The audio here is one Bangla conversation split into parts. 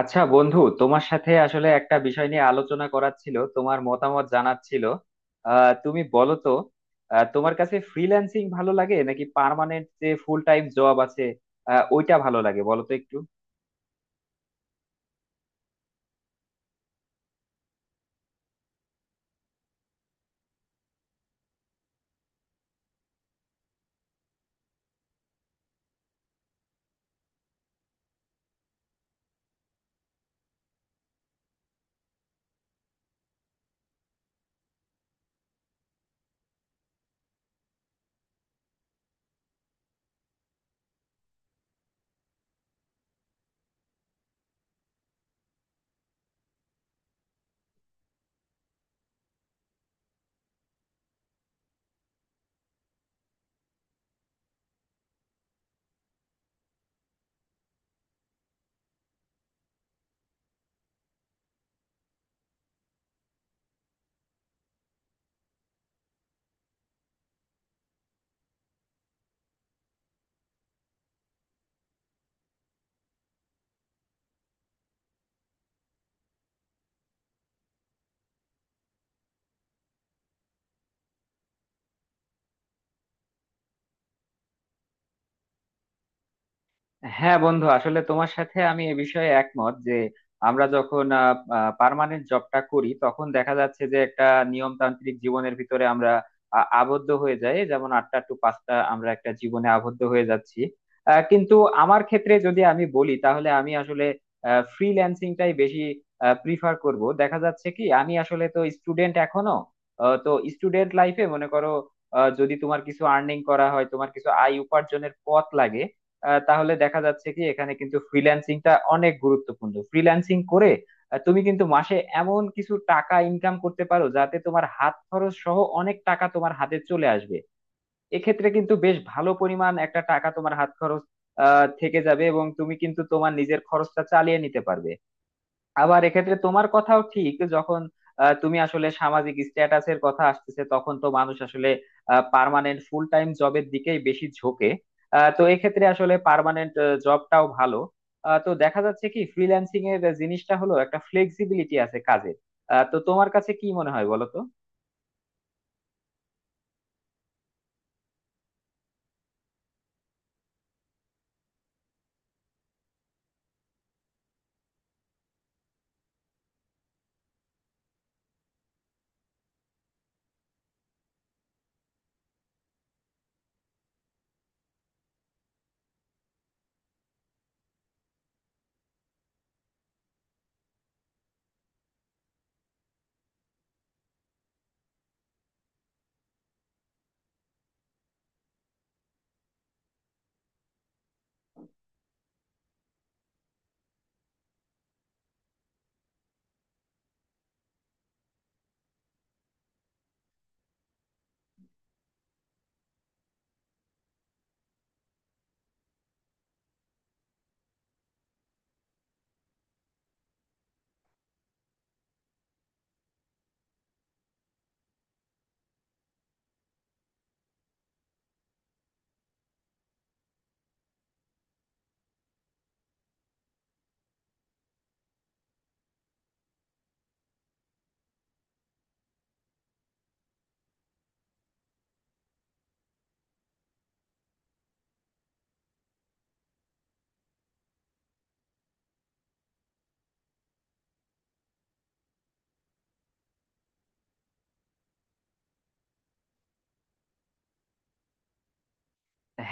আচ্ছা বন্ধু, তোমার সাথে আসলে একটা বিষয় নিয়ে আলোচনা করার ছিল, তোমার মতামত জানার ছিল। তুমি বলো তো। তোমার কাছে ফ্রিল্যান্সিং ভালো লাগে নাকি পার্মানেন্ট যে ফুল টাইম জব আছে? ওইটা ভালো লাগে বলো তো একটু। হ্যাঁ বন্ধু, আসলে তোমার সাথে আমি এ বিষয়ে একমত যে আমরা যখন পার্মানেন্ট জবটা করি তখন দেখা যাচ্ছে যে একটা নিয়মতান্ত্রিক জীবনের ভিতরে আমরা আবদ্ধ হয়ে যাই, যেমন 8টা টু 5টা আমরা একটা জীবনে আবদ্ধ হয়ে যাচ্ছি। কিন্তু আমার ক্ষেত্রে যদি আমি বলি তাহলে আমি আসলে ফ্রিল্যান্সিংটাই বেশি প্রিফার করব। দেখা যাচ্ছে কি আমি আসলে তো স্টুডেন্ট এখনো। তো স্টুডেন্ট লাইফে মনে করো, যদি তোমার কিছু আর্নিং করা হয়, তোমার কিছু আয় উপার্জনের পথ লাগে, তাহলে দেখা যাচ্ছে কি এখানে কিন্তু ফ্রিল্যান্সিংটা অনেক গুরুত্বপূর্ণ। ফ্রিল্যান্সিং করে তুমি কিন্তু মাসে এমন কিছু টাকা ইনকাম করতে পারো যাতে তোমার হাত খরচ সহ অনেক টাকা তোমার হাতে চলে আসবে। এক্ষেত্রে কিন্তু বেশ ভালো পরিমাণ একটা টাকা তোমার হাত খরচ থেকে যাবে, এবং তুমি কিন্তু তোমার নিজের খরচটা চালিয়ে নিতে পারবে। আবার এক্ষেত্রে তোমার কথাও ঠিক, যখন তুমি আসলে সামাজিক স্ট্যাটাসের কথা আসতেছে তখন তো মানুষ আসলে পার্মানেন্ট ফুল টাইম জবের দিকেই বেশি ঝোঁকে। তো এক্ষেত্রে আসলে পার্মানেন্ট জবটাও ভালো। তো দেখা যাচ্ছে কি ফ্রিল্যান্সিং এর জিনিসটা হলো একটা ফ্লেক্সিবিলিটি আছে কাজে। তো তোমার কাছে কি মনে হয় বলো তো।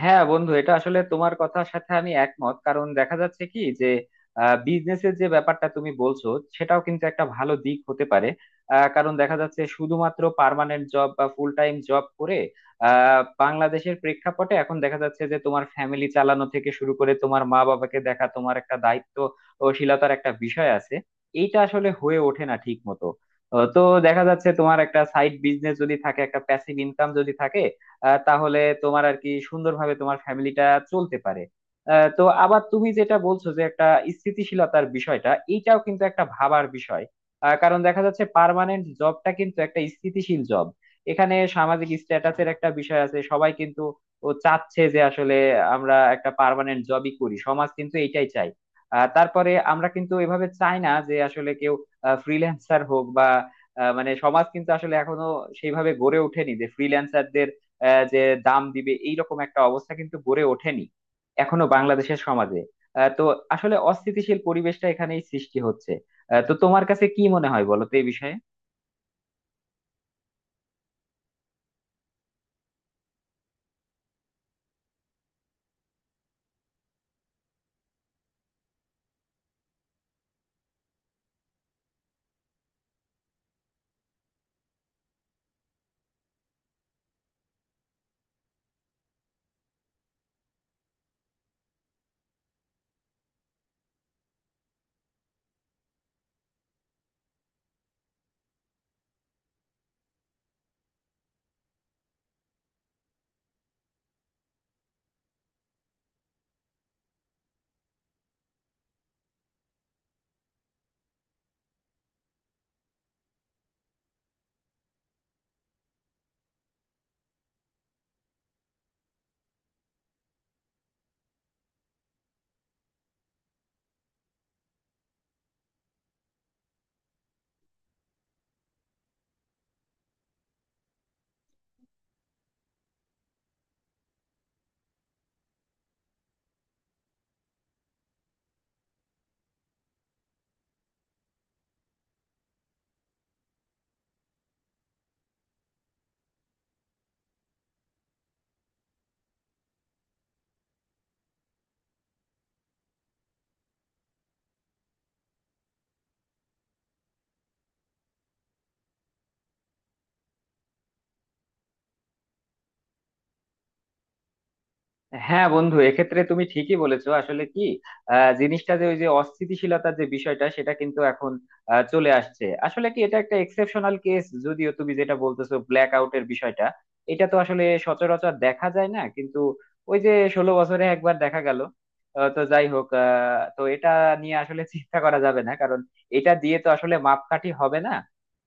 হ্যাঁ বন্ধু, এটা আসলে তোমার কথার সাথে আমি একমত, কারণ দেখা যাচ্ছে কি যে বিজনেসের যে ব্যাপারটা তুমি বলছো সেটাও কিন্তু একটা ভালো দিক হতে পারে। কারণ দেখা যাচ্ছে শুধুমাত্র পার্মানেন্ট জব বা ফুল টাইম জব করে বাংলাদেশের প্রেক্ষাপটে এখন দেখা যাচ্ছে যে তোমার ফ্যামিলি চালানো থেকে শুরু করে তোমার মা বাবাকে দেখা, তোমার একটা দায়িত্বশীলতার একটা বিষয় আছে। এইটা আসলে হয়ে ওঠে না ঠিক মতো। তো দেখা যাচ্ছে তোমার একটা সাইড বিজনেস যদি থাকে, একটা প্যাসিভ ইনকাম যদি থাকে তাহলে তোমার আর কি সুন্দরভাবে তোমার ফ্যামিলিটা চলতে পারে। তো আবার তুমি যেটা বলছো যে একটা স্থিতিশীলতার বিষয়টা, এইটাও কিন্তু একটা ভাবার বিষয়। কারণ দেখা যাচ্ছে পার্মানেন্ট জবটা কিন্তু একটা স্থিতিশীল জব। এখানে সামাজিক স্ট্যাটাসের একটা বিষয় আছে, সবাই কিন্তু ও চাচ্ছে যে আসলে আমরা একটা পার্মানেন্ট জবই করি, সমাজ কিন্তু এইটাই চাই। তারপরে আমরা কিন্তু এভাবে চাই না যে আসলে কেউ ফ্রিল্যান্সার হোক বা মানে সমাজ কিন্তু আসলে এখনো সেইভাবে গড়ে ওঠেনি যে ফ্রিল্যান্সারদের যে দাম দিবে, এইরকম একটা অবস্থা কিন্তু গড়ে ওঠেনি এখনো বাংলাদেশের সমাজে। তো আসলে অস্থিতিশীল পরিবেশটা এখানেই সৃষ্টি হচ্ছে। তো তোমার কাছে কি মনে হয় বলো তো এই বিষয়ে। হ্যাঁ বন্ধু, এক্ষেত্রে তুমি ঠিকই বলেছো। আসলে কি জিনিসটা, যে ওই যে অস্থিতিশীলতার যে বিষয়টা সেটা কিন্তু এখন চলে আসছে। আসলে কি এটা একটা এক্সেপশনাল কেস, যদিও তুমি যেটা বলতেছো ব্ল্যাক আউটের বিষয়টা, এটা তো আসলে সচরাচর দেখা যায় না, কিন্তু ওই যে 16 বছরে একবার দেখা গেল। তো যাই হোক, তো এটা নিয়ে আসলে চিন্তা করা যাবে না কারণ এটা দিয়ে তো আসলে মাপকাঠি হবে না।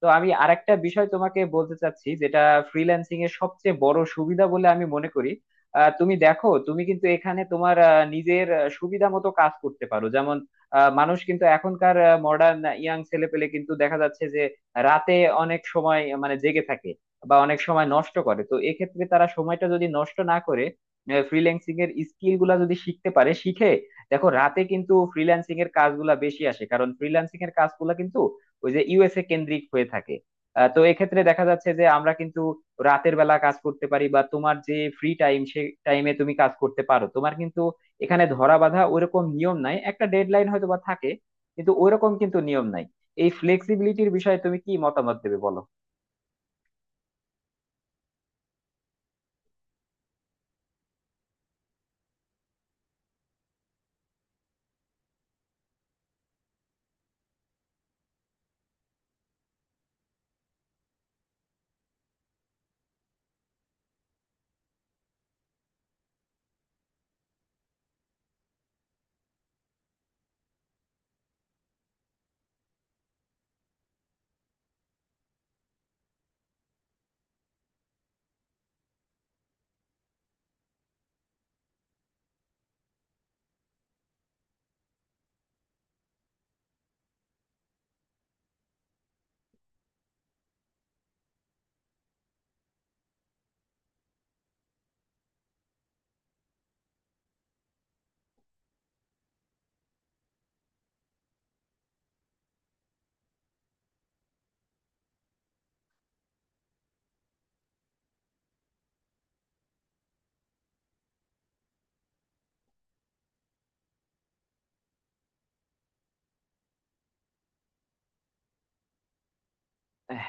তো আমি আরেকটা বিষয় তোমাকে বলতে চাচ্ছি, যেটা ফ্রিল্যান্সিং এর সবচেয়ে বড় সুবিধা বলে আমি মনে করি। তুমি দেখো, তুমি কিন্তু এখানে তোমার নিজের সুবিধা মতো কাজ করতে পারো, যেমন মানুষ কিন্তু এখনকার মডার্ন ইয়াং ছেলেপেলে কিন্তু দেখা যাচ্ছে যে রাতে অনেক সময় মানে জেগে থাকে বা অনেক সময় নষ্ট করে। তো এক্ষেত্রে তারা সময়টা যদি নষ্ট না করে ফ্রিল্যান্সিং এর স্কিল গুলা যদি শিখতে পারে, শিখে দেখো, রাতে কিন্তু ফ্রিল্যান্সিং এর কাজগুলা বেশি আসে, কারণ ফ্রিল্যান্সিং এর কাজগুলা কিন্তু ওই যে ইউএসএ কেন্দ্রিক হয়ে থাকে। তো এক্ষেত্রে দেখা যাচ্ছে যে আমরা কিন্তু রাতের বেলা কাজ করতে পারি বা তোমার যে ফ্রি টাইম সে টাইমে তুমি কাজ করতে পারো। তোমার কিন্তু এখানে ধরা বাঁধা ওইরকম নিয়ম নাই, একটা ডেডলাইন হয়তো বা থাকে কিন্তু ওইরকম কিন্তু নিয়ম নাই। এই ফ্লেক্সিবিলিটির বিষয়ে তুমি কি মতামত দেবে বলো।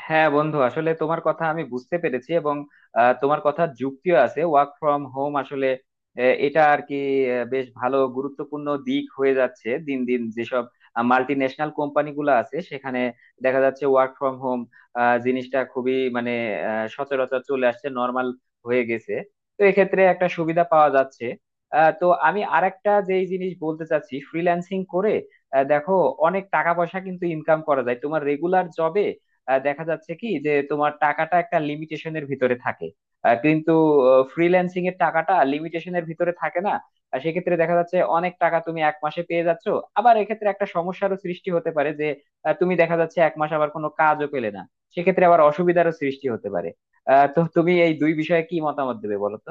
হ্যাঁ বন্ধু, আসলে তোমার কথা আমি বুঝতে পেরেছি এবং তোমার কথা যুক্তিও আছে। ওয়ার্ক ফ্রম হোম আসলে এটা আর কি বেশ ভালো গুরুত্বপূর্ণ দিক হয়ে যাচ্ছে দিন দিন। যেসব মাল্টি ন্যাশনাল কোম্পানি গুলো আছে সেখানে দেখা যাচ্ছে ওয়ার্ক ফ্রম হোম জিনিসটা খুবই, মানে সচরাচর চলে আসছে, নর্মাল হয়ে গেছে। তো এক্ষেত্রে একটা সুবিধা পাওয়া যাচ্ছে। তো আমি আরেকটা যেই জিনিস বলতে চাচ্ছি, ফ্রিল্যান্সিং করে দেখো অনেক টাকা পয়সা কিন্তু ইনকাম করা যায়। তোমার রেগুলার জবে দেখা যাচ্ছে কি যে তোমার টাকাটা একটা লিমিটেশনের ভিতরে থাকে, কিন্তু ফ্রিল্যান্সিং এর টাকাটা লিমিটেশনের ভিতরে থাকে না। আর সেক্ষেত্রে দেখা যাচ্ছে অনেক টাকা তুমি এক মাসে পেয়ে যাচ্ছ। আবার এক্ষেত্রে একটা সমস্যারও সৃষ্টি হতে পারে যে তুমি দেখা যাচ্ছে এক মাস আবার কোনো কাজও পেলে না, সেক্ষেত্রে আবার অসুবিধারও সৃষ্টি হতে পারে। তো তুমি এই দুই বিষয়ে কি মতামত দেবে বলো তো।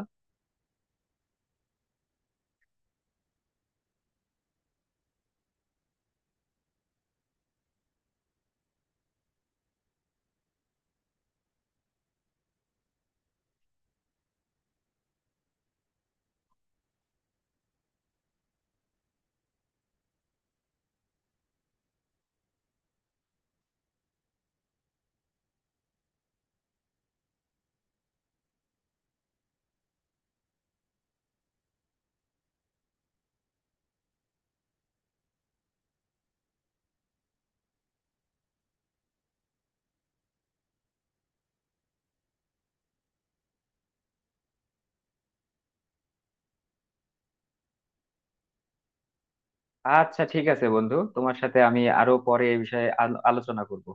আচ্ছা, ঠিক আছে বন্ধু, তোমার সাথে আমি আরো পরে এই বিষয়ে আলোচনা করব।